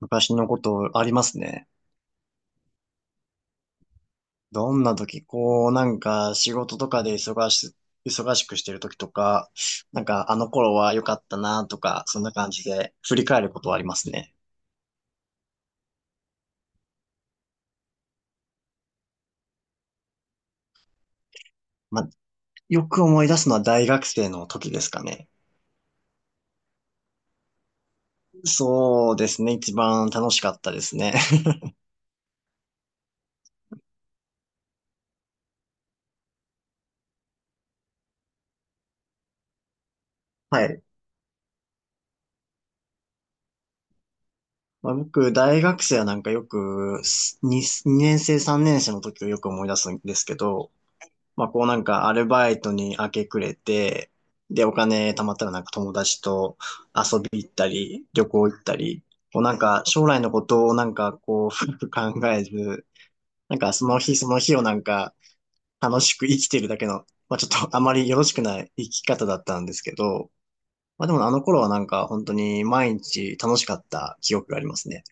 昔のことありますね。どんな時、こう、なんか仕事とかで忙しくしてる時とか、なんかあの頃は良かったなとか、そんな感じで振り返ることはありますね。まあ、よく思い出すのは大学生の時ですかね。そうですね。一番楽しかったですね。はい。まあ、僕、大学生はなんかよく、2年生、3年生の時をよく思い出すんですけど、まあ、こうなんかアルバイトに明け暮れて、で、お金貯まったらなんか友達と遊び行ったり、旅行行ったり、こうなんか将来のことをなんかこう深く考えず、なんかその日その日をなんか楽しく生きてるだけの、まあちょっとあまりよろしくない生き方だったんですけど、まあでもあの頃はなんか本当に毎日楽しかった記憶がありますね。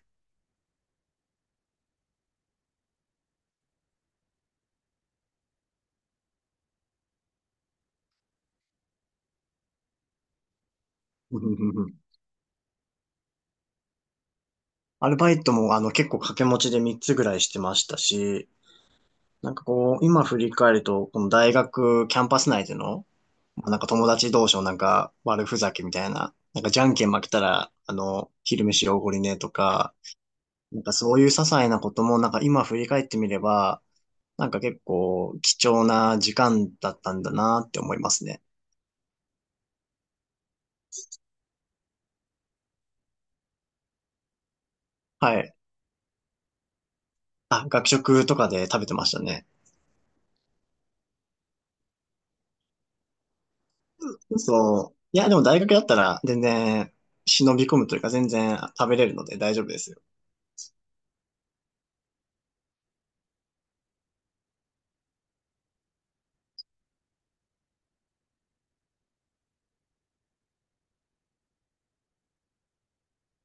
うんうんうん。アルバイトもあの結構掛け持ちで3つぐらいしてましたし、なんかこう、今振り返ると、この大学キャンパス内での、まあなんか友達同士のなんか悪ふざけみたいな、なんかじゃんけん負けたら、あの、昼飯おごりねとか、なんかそういう些細なこともなんか今振り返ってみれば、なんか結構貴重な時間だったんだなって思いますね。はい。あ、学食とかで食べてましたね。そう。いや、でも大学だったら全然忍び込むというか全然食べれるので大丈夫ですよ。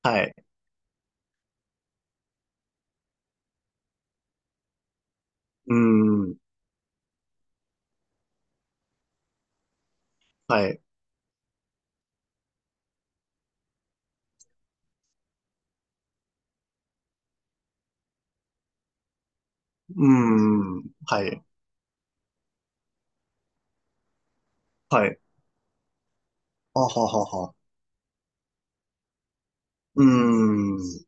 はい。うーん。はい。うーん。はい。はい。あははは。うーん。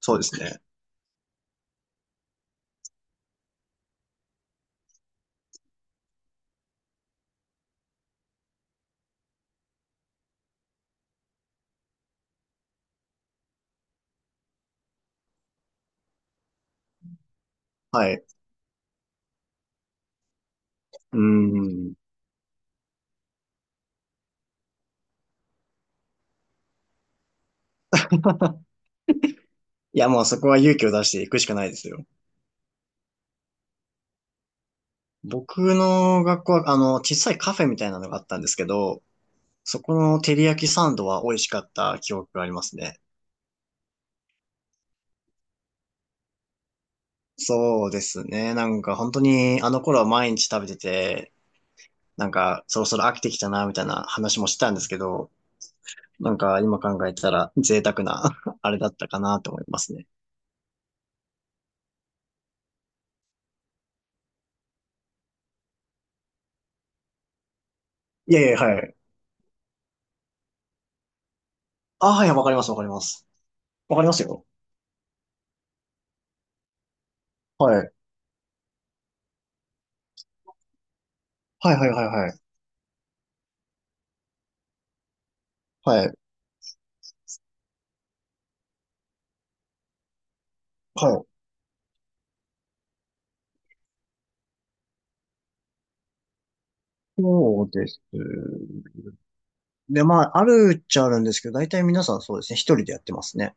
そうですね。はい。うーん。いや、もうそこは勇気を出していくしかないですよ。僕の学校は、あの、小さいカフェみたいなのがあったんですけど、そこの照り焼きサンドは美味しかった記憶がありますね。そうですね。なんか本当にあの頃は毎日食べてて、なんかそろそろ飽きてきたな、みたいな話もしてたんですけど、なんか今考えたら贅沢な あれだったかなと思いますね。いやいや、はい。あ、はい、わかります、わかります。わかりますよ。はい。はいはいはいはい。はい。はい。そうです。で、まあ、あるっちゃあるんですけど、大体皆さんそうですね、一人でやってますね。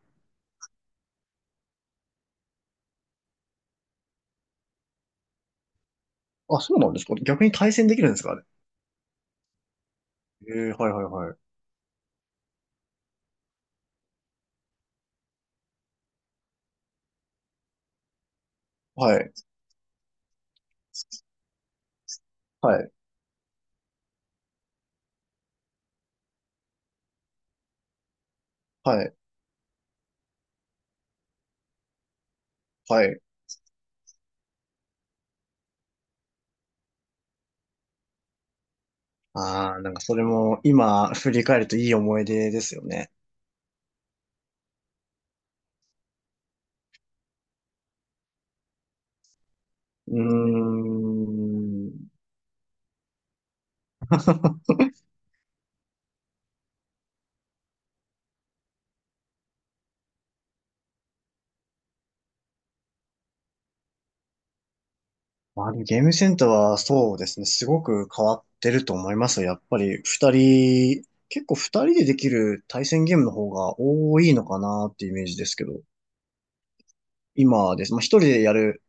あ、そうなんですか？逆に対戦できるんですかあれ？えー、はいはいはい。はい。はい。はい。はい。ああ、なんかそれも今振り返るといい思い出ですよね。うーん。まあ、ゲームセンターはそうですね、すごく変わってると思いますよ。やっぱり二人、結構二人でできる対戦ゲームの方が多いのかなっていうイメージですけど、今です。まあ一人でやる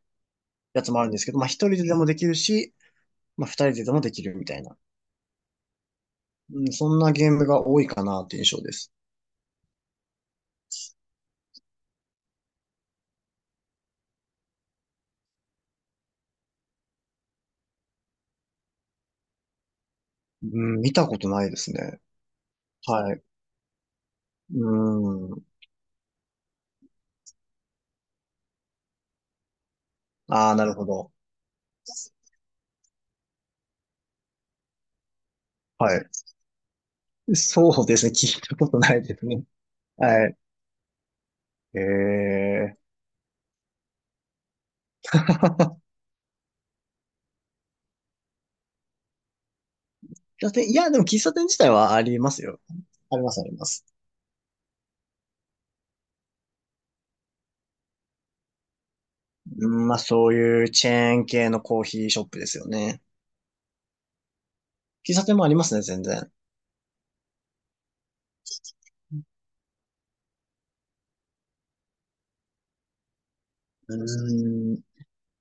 やつもあるんですけど、まあ一人ででもできるし、まあ二人ででもできるみたいな。うん、そんなゲームが多いかなって印象です。うん、見たことないですね。はい。うん。ああ、なるほど。はい。そうですね、聞いたことないですね。はい。ええ、喫茶店、いや、でも喫茶店自体はありますよ。あります、あります。うん、まあそういうチェーン系のコーヒーショップですよね。喫茶店もありますね、全然。うーん。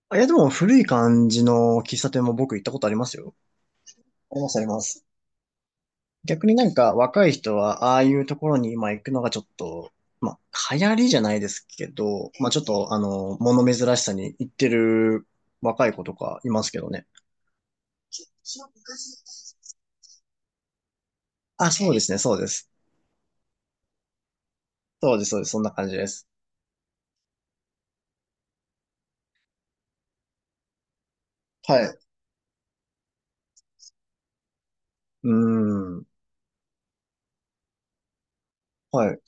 あ、いや、でも古い感じの喫茶店も僕行ったことありますよ。あります、あります。逆になんか若い人はああいうところに今行くのがちょっと、まあ流行りじゃないですけど、まあちょっとあの、物珍しさに行ってる若い子とかいますけどね。あ、そうですね、そうです。そうです、そうです。そんな感じです。はい。うーん。はい。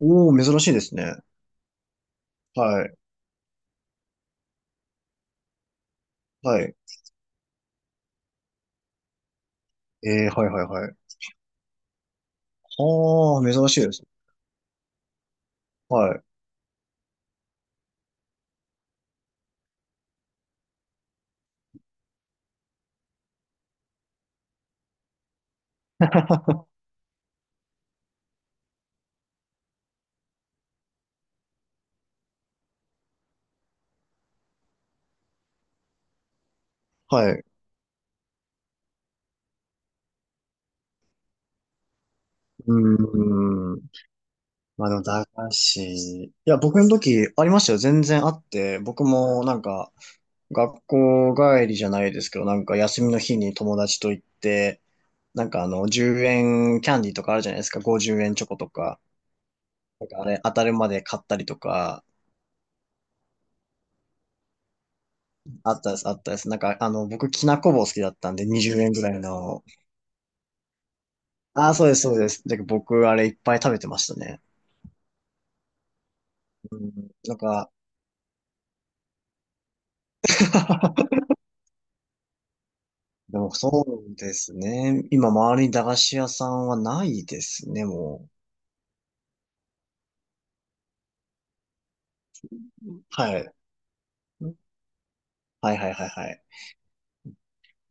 おー、珍しいですね。はい。はい。えー、はい、はい、はい。はー、珍しいです。はい。はい。うーん。まあでも、駄菓子。いや、僕の時ありましたよ。全然あって。僕もなんか、学校帰りじゃないですけど、なんか休みの日に友達と行って、なんかあの、10円キャンディーとかあるじゃないですか。50円チョコとか。なんかあれ、当たるまで買ったりとか、あったです、あったです。なんか、あの、僕、きなこ棒好きだったんで、20円ぐらいの。ああ、そうです、そうです。で、僕、あれいっぱい食べてましたね。うん、なんか、でもそうですね。今、周りに駄菓子屋さんはないですね、もう。はい。はいはいはいはい。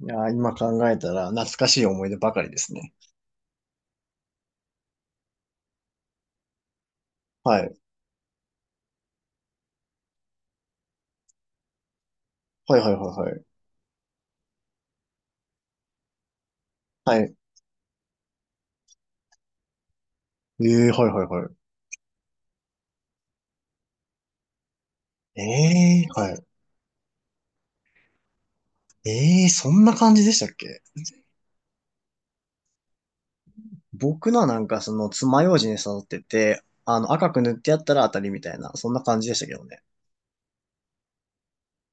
いやー、今考えたら懐かしい思い出ばかりですね。はい。はいはいはいはい。はい。ええー、はいはいはい。ええー、はい。ええー、そんな感じでしたっけ？僕のはなんかその爪楊枝に刺さってて、あの赤く塗ってやったら当たりみたいな、そんな感じでしたけどね。